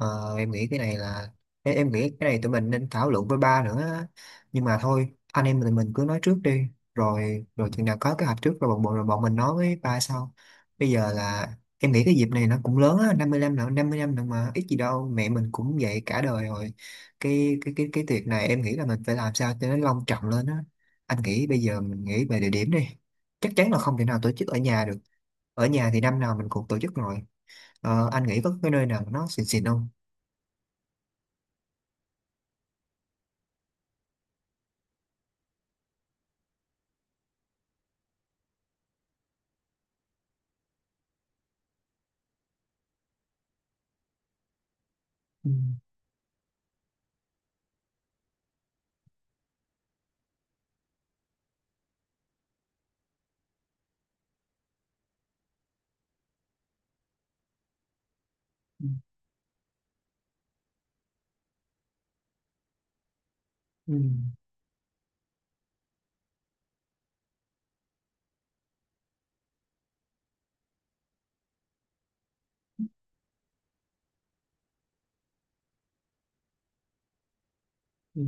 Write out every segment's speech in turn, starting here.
Ờ, em nghĩ cái này là em nghĩ cái này tụi mình nên thảo luận với ba nữa á. Nhưng mà thôi anh em tụi mình cứ nói trước đi, rồi rồi chừng nào có kế hoạch trước rồi bọn bọn rồi bọn mình nói với ba sau. Bây giờ là em nghĩ cái dịp này nó cũng lớn á, 50 năm nữa mà ít gì đâu, mẹ mình cũng vậy cả đời rồi. Cái tiệc này em nghĩ là mình phải làm sao cho nó long trọng lên á. Anh nghĩ bây giờ mình nghĩ về địa điểm đi. Chắc chắn là không thể nào tổ chức ở nhà được. Ở nhà thì năm nào mình cũng tổ chức rồi. Ờ, anh nghĩ có cái nơi nào nó xịn xịn không? Ừ, ừ, ừ, ừ.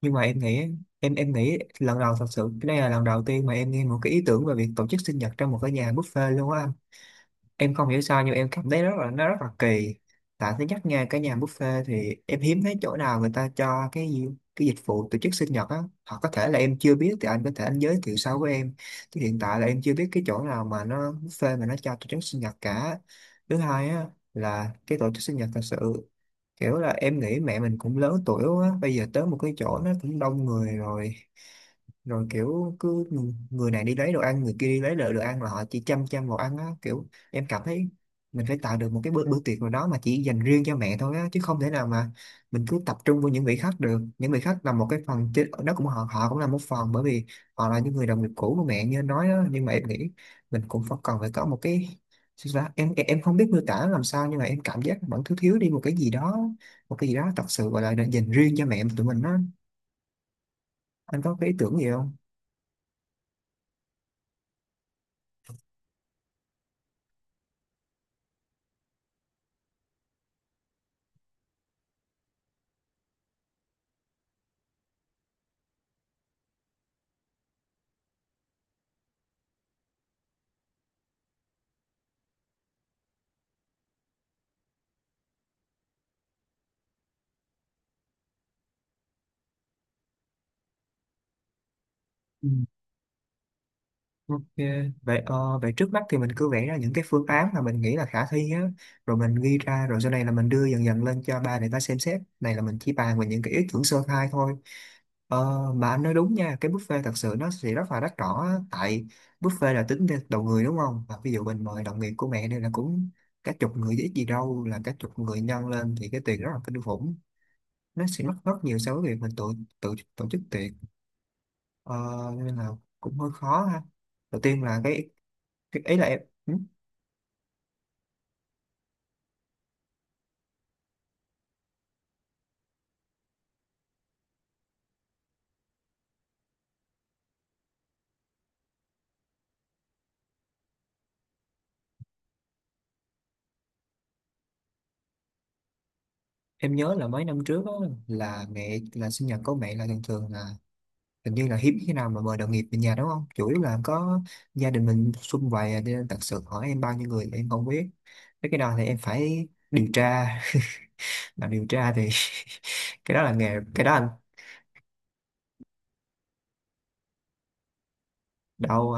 Nhưng mà em nghĩ, em nghĩ lần đầu, thật sự cái đây là lần đầu tiên mà em nghe một cái ý tưởng về việc tổ chức sinh nhật trong một cái nhà buffet luôn á. Em không hiểu sao nhưng em cảm thấy rất là, nó rất là kỳ. Tại thứ nhất nha, cái nhà buffet thì em hiếm thấy chỗ nào người ta cho cái dịch vụ tổ chức sinh nhật á, hoặc có thể là em chưa biết thì anh có thể anh giới thiệu sau với em, chứ hiện tại là em chưa biết cái chỗ nào mà nó buffet mà nó cho tổ chức sinh nhật cả. Thứ hai á, là cái tổ chức sinh nhật thật sự, kiểu là em nghĩ mẹ mình cũng lớn tuổi quá, bây giờ tới một cái chỗ nó cũng đông người rồi, rồi kiểu cứ người này đi lấy đồ ăn, người kia đi lấy đồ ăn, là họ chỉ chăm chăm vào ăn á, kiểu em cảm thấy mình phải tạo được một cái bữa bữa tiệc nào đó mà chỉ dành riêng cho mẹ thôi á, chứ không thể nào mà mình cứ tập trung vào những vị khách được. Những vị khách là một cái phần chứ, đó cũng, họ họ cũng là một phần, bởi vì họ là những người đồng nghiệp cũ của mẹ như anh nói đó, nhưng mà em nghĩ mình cũng phải cần phải có một cái, sao ta? Em không biết miêu tả làm sao, nhưng mà em cảm giác vẫn thiếu, thiếu đi một cái gì đó, một cái gì đó thật sự gọi là dành riêng cho mẹ tụi mình á. Anh có cái ý tưởng gì không? Ừ. Ok, vậy vậy trước mắt thì mình cứ vẽ ra những cái phương án mà mình nghĩ là khả thi á, rồi mình ghi ra, rồi sau này là mình đưa dần dần lên cho ba để ba xem xét. Này là mình chỉ bàn về những cái ý tưởng sơ khai thôi. Ờ, mà anh nói đúng nha, cái buffet thật sự nó sẽ rất là đắt đỏ á, tại buffet là tính theo đầu người đúng không? Và ví dụ mình mời đồng nghiệp của mẹ đây là cũng cả chục người chứ ít gì đâu, là cả chục người nhân lên thì cái tiền rất là kinh khủng. Nó sẽ mất rất nhiều so với việc mình tự tự tổ chức tiệc. Ờ, nên là cũng hơi khó ha, đầu tiên là cái, thì ý là em, ừ, em nhớ là mấy năm trước á, là mẹ là sinh nhật của mẹ là thường thường là, hình như là hiếm khi nào mà mời đồng nghiệp về nhà đúng không, chủ yếu là có gia đình mình sum vầy à, nên thật sự hỏi em bao nhiêu người thì em không biết. Thế cái đó thì em phải điều tra mà điều tra thì cái đó là nghề cái đó anh. Đâu,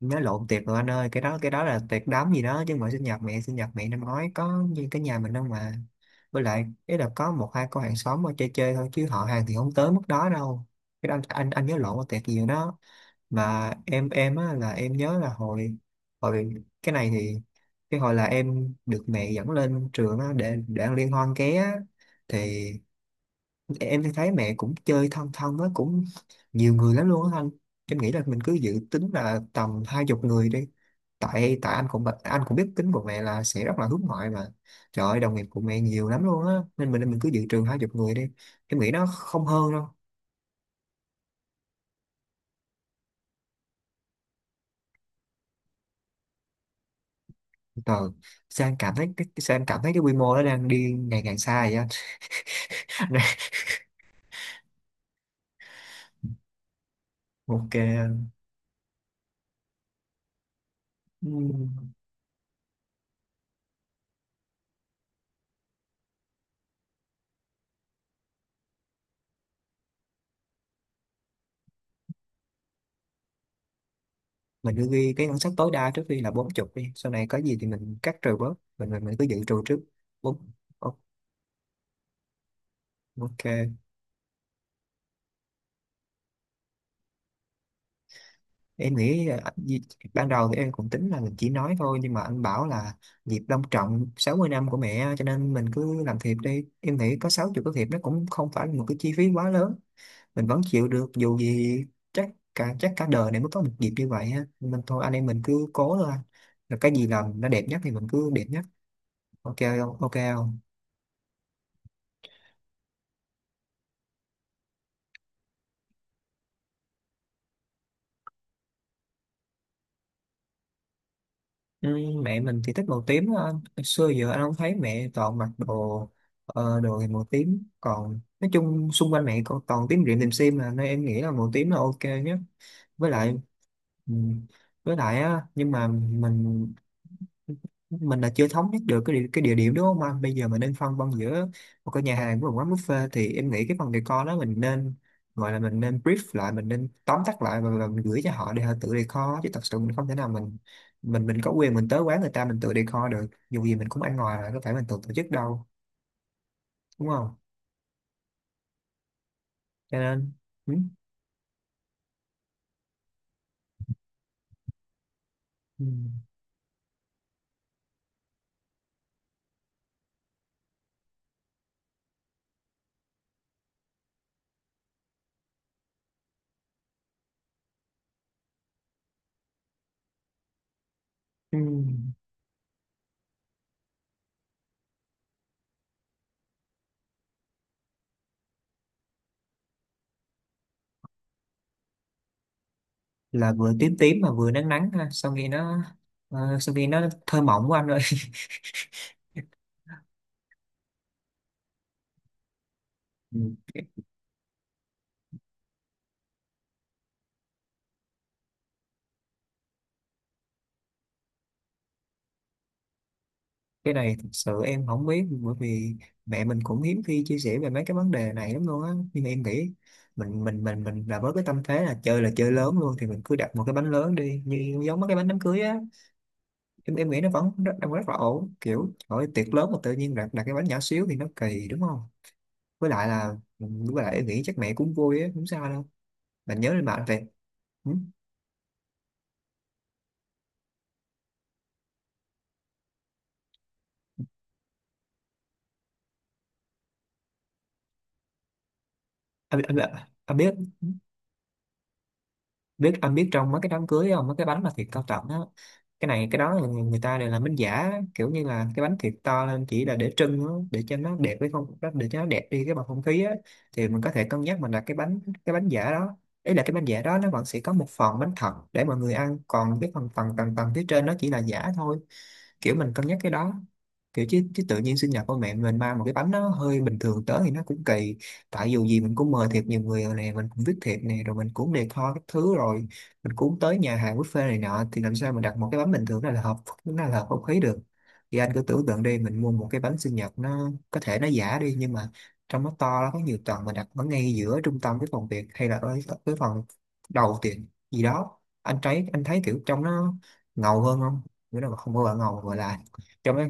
nói lộn tiệc rồi anh ơi, cái đó, cái đó là tiệc đám gì đó chứ, mà sinh nhật mẹ, sinh nhật mẹ năm ngoái có như cái nhà mình đâu mà, với lại ý là có một hai cô hàng xóm ở chơi chơi thôi, chứ họ hàng thì không tới mức đó đâu. Cái đó anh nhớ lộn là tiệc gì rồi đó. Mà em á là em nhớ là hồi hồi, cái này thì, cái hồi là em được mẹ dẫn lên trường á để ăn liên hoan ké á, thì em thì thấy mẹ cũng chơi thân thân á, cũng nhiều người lắm luôn á anh. Em nghĩ là mình cứ dự tính là tầm hai chục người đi. Tại Tại anh cũng anh cũng biết tính của mẹ là sẽ rất là hướng ngoại mà, trời ơi đồng nghiệp của mẹ nhiều lắm luôn á, nên mình cứ dự trừ hai chục người đi. Em nghĩ nó không hơn đâu. Trời, sao em cảm thấy sao em cảm thấy cái quy mô nó đang đi ngày càng xa vậy anh. Ok anh. Ừm, mình cứ ghi cái ngân sách tối đa trước khi là bốn chục đi, sau này có gì thì mình cắt trừ bớt, mình cứ dự trừ trước bốn. Ok, em nghĩ ban đầu thì em cũng tính là mình chỉ nói thôi, nhưng mà anh bảo là dịp long trọng 60 năm của mẹ, cho nên mình cứ làm thiệp đi. Em nghĩ có 60 cái thiệp nó cũng không phải là một cái chi phí quá lớn, mình vẫn chịu được, dù gì chắc chắc cả đời này mới có một dịp như vậy ha, nên thôi anh em mình cứ cố thôi anh. Rồi cái gì làm nó đẹp nhất thì mình cứ đẹp nhất. Ok không, ok không? Ừ, mẹ mình thì thích màu tím á anh. Hồi xưa giờ anh không thấy mẹ toàn mặc đồ, ờ, đồ thì màu tím, còn nói chung xung quanh mẹ còn toàn tím rịm tìm sim mà, nên em nghĩ là màu tím là ok nhất. Với lại, ừ, với lại á, nhưng mà mình là chưa thống nhất được cái địa điểm đúng không anh? Bây giờ mình nên phân vân giữa một cái nhà hàng với một quán buffet, thì em nghĩ cái phần decor đó mình nên, gọi là mình nên brief lại, mình nên tóm tắt lại và mình gửi cho họ để họ tự decor, chứ thật sự mình không thể nào mình có quyền mình tới quán người ta mình tự decor được, dù gì mình cũng ăn ngoài là có phải mình tự tổ chức đâu đúng không? Cho nên ừ, ừ, ừ, là vừa tím tím mà vừa nắng nắng ha, sao nghe nó, ờ, sao nghe nó thơ mộng của anh ơi. Ừ. Cái này thật sự em không biết, bởi vì mẹ mình cũng hiếm khi chia sẻ về mấy cái vấn đề này lắm luôn á, nhưng mà em nghĩ mình là với cái tâm thế là chơi lớn luôn, thì mình cứ đặt một cái bánh lớn đi, như giống mấy cái bánh đám cưới á. Em nghĩ nó vẫn rất, đang rất là ổn, kiểu hỏi ơi, tiệc lớn mà tự nhiên đặt đặt cái bánh nhỏ xíu thì nó kỳ đúng không? Với lại là, với lại em nghĩ chắc mẹ cũng vui á, không sao đâu. Bạn nhớ lên mạng về. Ừ? anh, anh, anh biết anh biết trong mấy cái đám cưới không, mấy cái bánh mà thiệt cao trọng á, cái đó là người người ta đều làm bánh giả, kiểu như là cái bánh thiệt to lên chỉ là để trưng á, để cho nó đẹp với không đó, để cho nó đẹp đi cái bầu không khí á. Thì mình có thể cân nhắc mình đặt cái bánh giả đó. Ý là cái bánh giả đó nó vẫn sẽ có một phần bánh thật để mọi người ăn, còn cái phần phần tầng tầng phía trên nó chỉ là giả thôi. Kiểu mình cân nhắc cái đó, kiểu chứ chứ tự nhiên sinh nhật của mẹ mình mang một cái bánh nó hơi bình thường tới thì nó cũng kỳ. Tại dù gì mình cũng mời thiệt nhiều người rồi nè, mình cũng viết thiệp nè, rồi mình cũng decor các thứ rồi, mình cũng tới nhà hàng buffet này nọ, thì làm sao mình đặt một cái bánh bình thường đó là hợp, nó là hợp không khí được. Thì anh cứ tưởng tượng đi, mình mua một cái bánh sinh nhật, nó có thể nó giả đi nhưng mà trong nó to, nó có nhiều tầng, mình đặt ở ngay giữa trung tâm cái phòng tiệc hay là ở cái phòng đầu tiệc gì đó, anh thấy kiểu trong nó ngầu hơn không? Nghĩa là không có gọi là ngầu, gọi là trong nó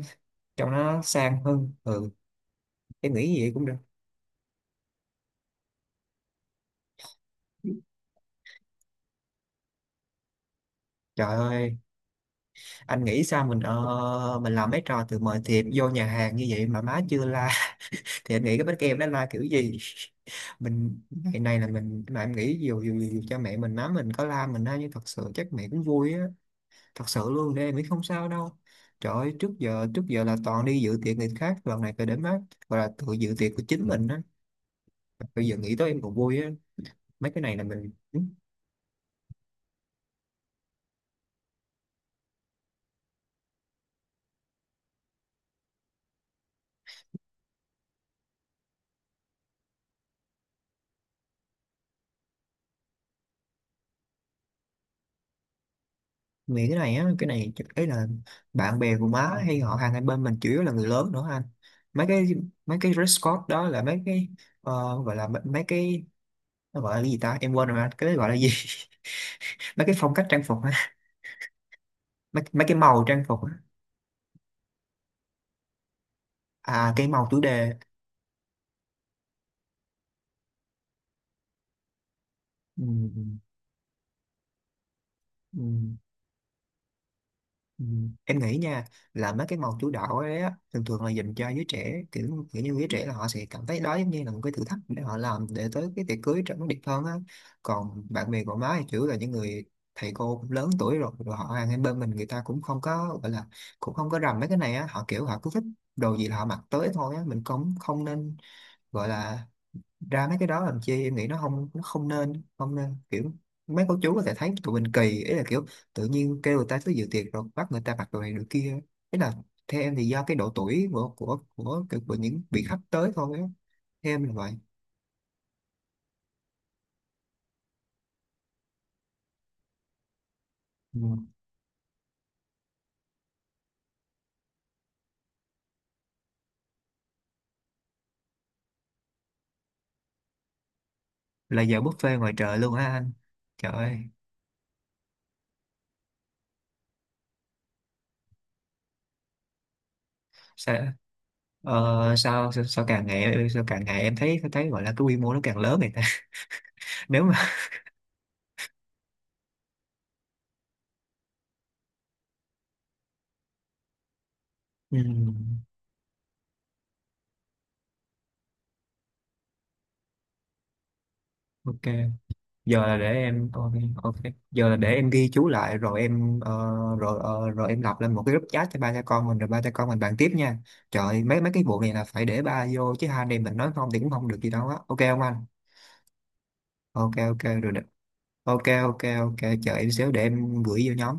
sang hơn. Ừ, em nghĩ gì cũng được. Trời ơi, anh nghĩ sao mình mình làm mấy trò từ mời thiệp vô nhà hàng như vậy mà má chưa la thì anh nghĩ cái bánh kem nó la kiểu gì? Mình ngày này là mình, mà em nghĩ dù dù dù cha mẹ mình má mình có la mình á, nhưng thật sự chắc mẹ cũng vui á, thật sự luôn. Để em nghĩ không sao đâu. Trời ơi, trước giờ là toàn đi dự tiệc người khác, lần này phải để má gọi là tự dự tiệc của chính mình á. Bây giờ nghĩ tới em còn vui á. Mấy cái này là mình nghĩ cái này á, cái này ấy là bạn bè của má hay họ hàng hai bên mình chủ yếu là người lớn nữa anh. mấy cái mấy cái dress code đó là mấy cái ờ, gọi là mấy cái, nó gọi là cái gì ta, em quên rồi anh, cái đấy gọi là gì? Mấy cái phong cách trang phục á, mấy cái màu trang phục á. À, cái màu chủ đề. Ừ, ừ. Ừ. Ừ. Em nghĩ nha, là mấy cái màu chủ đạo ấy á, thường thường là dành cho giới trẻ, kiểu, kiểu như giới trẻ là họ sẽ cảm thấy đó giống như là một cái thử thách để họ làm để tới cái tiệc cưới trở nó đẹp hơn á. Còn bạn bè của má thì chủ yếu là những người thầy cô cũng lớn tuổi rồi, rồi họ hàng hai bên mình người ta cũng không có gọi là cũng không có rành mấy cái này á, họ kiểu họ cứ thích đồ gì là họ mặc tới thôi á, mình cũng không nên gọi là ra mấy cái đó làm chi. Em nghĩ nó không, nó không nên, kiểu mấy cô chú có thể thấy tụi mình kỳ, ý là kiểu tự nhiên kêu người ta tới dự tiệc rồi bắt người ta mặc đồ này đồ kia. Ý là theo em thì do cái độ tuổi của của những vị khách tới thôi á, theo em là vậy. Ừ. Là giờ buffet ngoài trời luôn á anh? Trời ơi, sao sao càng ngày em thấy thấy gọi là cái quy mô nó càng lớn vậy ta? Nếu mà ừ, ok. Giờ là để em ok, ok, giờ là để em ghi chú lại rồi em rồi rồi em lập lên một cái group chat cho ba cha con mình, rồi ba cha con mình bàn tiếp nha. Trời ơi, mấy mấy cái vụ này là phải để ba vô chứ, hai anh em mình nói không thì cũng không được gì đâu á, ok không anh? Ok ok rồi, được. Ok ok ok, chờ em xíu để em gửi vô nhóm.